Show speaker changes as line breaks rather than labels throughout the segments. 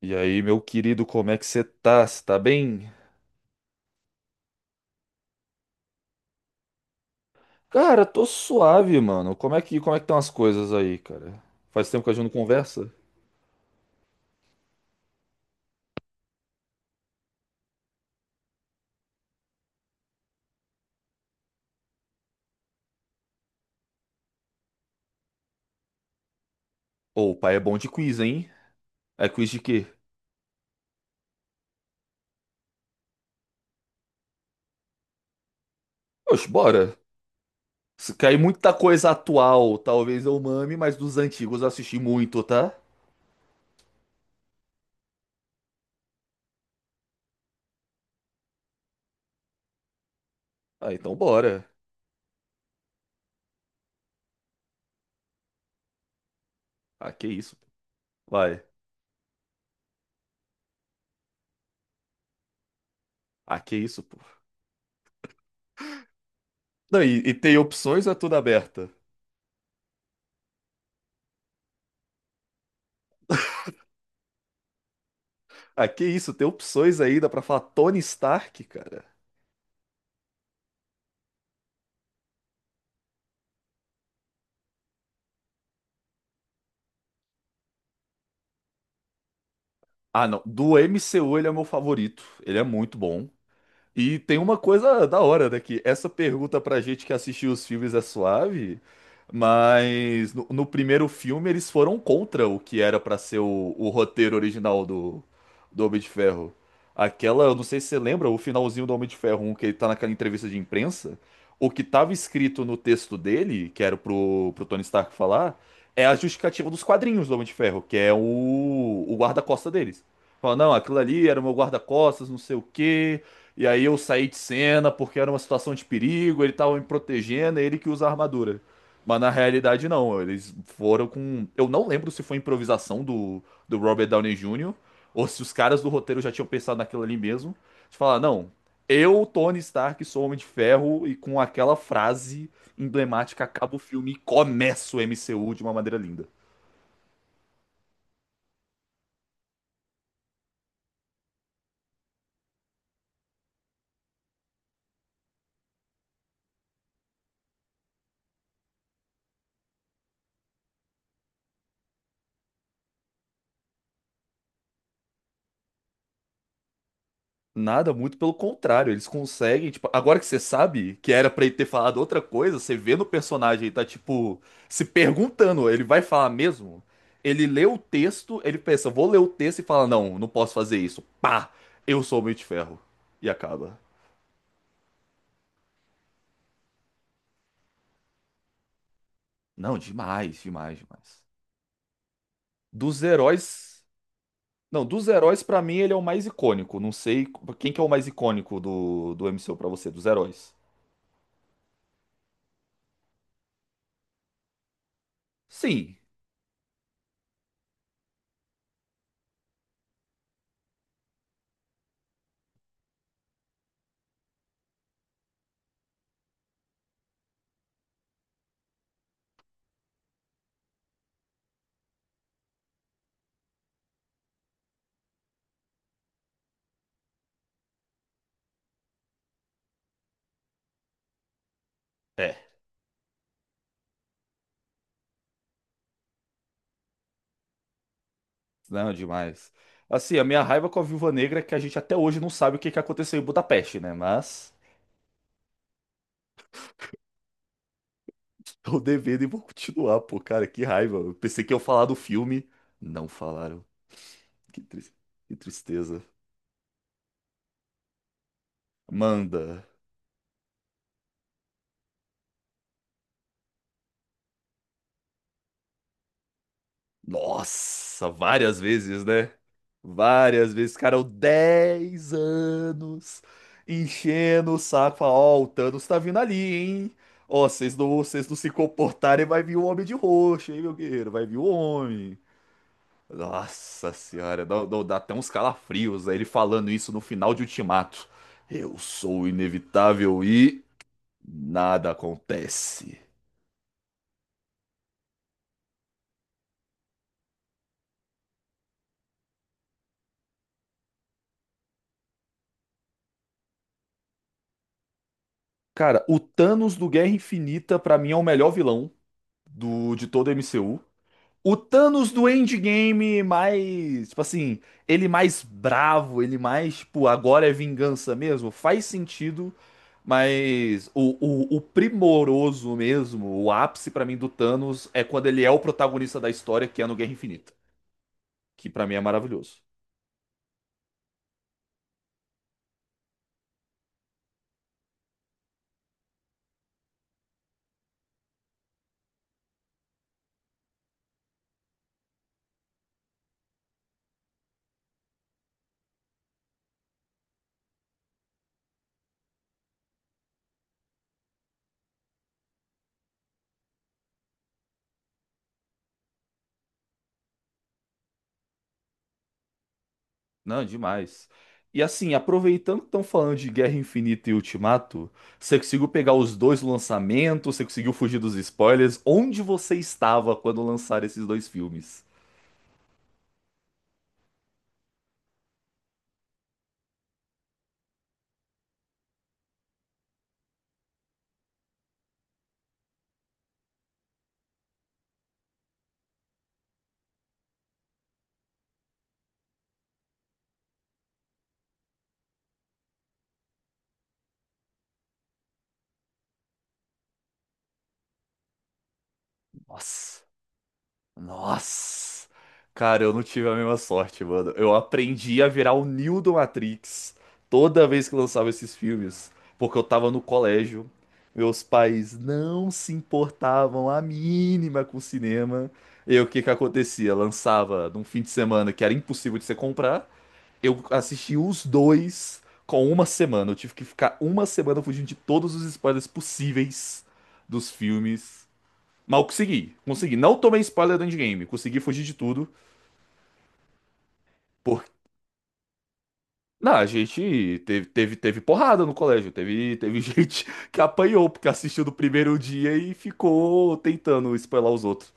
E aí, meu querido, como é que você tá? Você tá bem? Cara, tô suave, mano. Como é que estão as coisas aí, cara? Faz tempo que a gente não conversa? Ô, o pai é bom de quiz, hein? É quiz de quê? Oxe, bora. Se cair muita coisa atual, talvez eu mame, mas dos antigos eu assisti muito, tá? Ah, então bora. Ah, que isso, pô. Vai. Ah, que isso, pô. Não, e tem opções, ou é tudo aberta. Ah, que isso, tem opções ainda pra falar Tony Stark, cara. Ah, não. Do MCU ele é meu favorito. Ele é muito bom. E tem uma coisa da hora, né? Que essa pergunta pra gente que assistiu os filmes é suave, mas no primeiro filme eles foram contra o que era pra ser o roteiro original do Homem de Ferro. Aquela, eu não sei se você lembra, o finalzinho do Homem de Ferro um que ele tá naquela entrevista de imprensa, o que tava escrito no texto dele, que era pro Tony Stark falar, é a justificativa dos quadrinhos do Homem de Ferro, que é o guarda-costa deles. Fala, não, aquilo ali era o meu guarda-costas, não sei o quê. E aí eu saí de cena porque era uma situação de perigo, ele tava me protegendo, é ele que usa a armadura. Mas na realidade não, eles foram com. Eu não lembro se foi improvisação do Robert Downey Jr. ou se os caras do roteiro já tinham pensado naquilo ali mesmo. De falar, não, eu, Tony Stark, sou Homem de Ferro e com aquela frase emblemática acaba o filme e começa o MCU de uma maneira linda. Nada, muito pelo contrário, eles conseguem, tipo, agora que você sabe que era pra ele ter falado outra coisa, você vê no personagem, ele tá, tipo, se perguntando, ele vai falar mesmo? Ele lê o texto, ele pensa, vou ler o texto e fala, não, não posso fazer isso, pá, eu sou o Homem de Ferro. E acaba. Não, demais, demais, demais. Dos heróis, não, dos heróis pra mim ele é o mais icônico, não sei quem que é o mais icônico do MCU pra você, dos heróis. Sim. É. Não, demais. Assim, a minha raiva com a Viúva Negra é que a gente até hoje não sabe o que que aconteceu em Budapeste, né? Mas tô devendo e vou continuar, pô, cara, que raiva. Eu pensei que eu falar do filme, não falaram. Que, tris- que tristeza. Manda. Nossa, várias vezes, né? Várias vezes, cara, eu 10 anos enchendo o saco, falar, ó, o Thanos tá vindo ali, hein? Ó, vocês não se comportarem, vai vir o Homem de Roxo, hein, meu guerreiro? Vai vir o Homem. Nossa senhora, dá até uns calafrios, né, ele falando isso no final de Ultimato. Eu sou inevitável e nada acontece. Cara, o Thanos do Guerra Infinita, pra mim, é o melhor vilão do, de todo o MCU. O Thanos do Endgame mais, tipo assim, ele mais bravo, ele mais, tipo, agora é vingança mesmo, faz sentido, mas o primoroso mesmo, o ápice pra mim do Thanos é quando ele é o protagonista da história, que é no Guerra Infinita, que pra mim é maravilhoso. Não, demais. E assim, aproveitando que estão falando de Guerra Infinita e Ultimato, você conseguiu pegar os dois lançamentos, você conseguiu fugir dos spoilers, onde você estava quando lançaram esses dois filmes? Nossa, nossa. Cara, eu não tive a mesma sorte, mano. Eu aprendi a virar o Neo do Matrix toda vez que lançava esses filmes, porque eu tava no colégio. Meus pais não se importavam a mínima com o cinema. E o que que acontecia? Lançava num fim de semana que era impossível de você comprar. Eu assisti os dois com uma semana. Eu tive que ficar uma semana fugindo de todos os spoilers possíveis dos filmes. Mal consegui. Consegui. Não tomei spoiler do endgame. Consegui fugir de tudo. Porque. Não, a gente teve porrada no colégio. Teve gente que apanhou, porque assistiu do primeiro dia e ficou tentando spoiler os outros.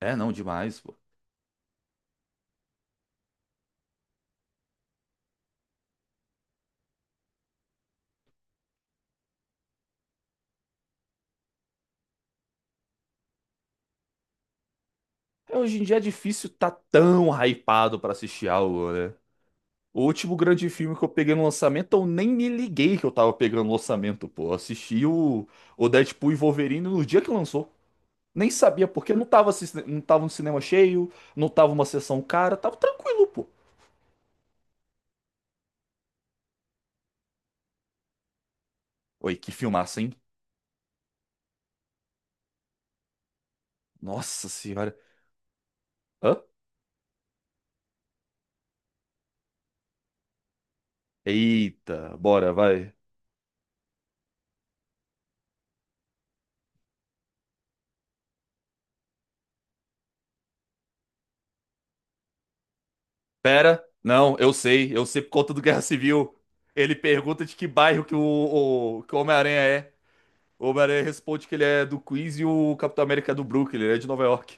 É, não, demais, pô. É, hoje em dia é difícil tá tão hypado pra assistir algo, né? O último grande filme que eu peguei no lançamento, eu nem me liguei que eu tava pegando no lançamento, pô. Eu assisti o Deadpool e Wolverine no dia que lançou. Nem sabia porque não tava, não tava um cinema cheio, não tava uma sessão cara, tava tranquilo, pô. Oi, que filmaço, hein? Nossa senhora. Hã? Eita, bora, vai. Pera, não, eu sei por conta do Guerra Civil. Ele pergunta de que bairro que que o Homem-Aranha é. O Homem-Aranha responde que ele é do Queens e o Capitão América é do Brooklyn, ele é de Nova York.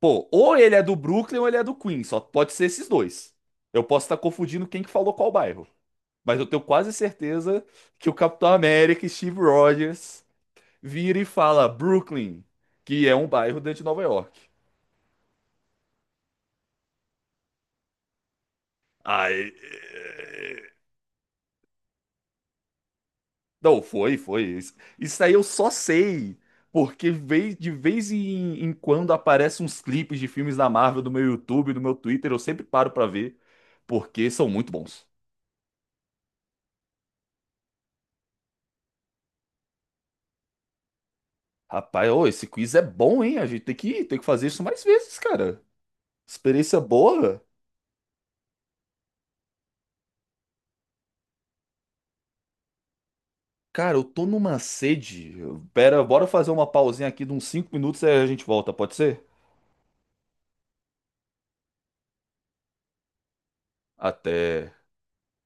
Pô, ou ele é do Brooklyn ou ele é do Queens, só pode ser esses dois. Eu posso estar confundindo quem que falou qual bairro. Mas eu tenho quase certeza que o Capitão América, Steve Rogers, vira e fala Brooklyn, que é um bairro dentro de Nova York. Aí. Não, foi, foi. Isso aí eu só sei. De vez em quando aparecem uns clipes de filmes da Marvel do meu YouTube, do meu Twitter, eu sempre paro pra ver, porque são muito bons. Rapaz, ô, esse quiz é bom, hein? A gente tem que fazer isso mais vezes, cara. Experiência boa. Cara, eu tô numa sede. Pera, bora fazer uma pausinha aqui de uns 5 minutos e aí a gente volta, pode ser? Até.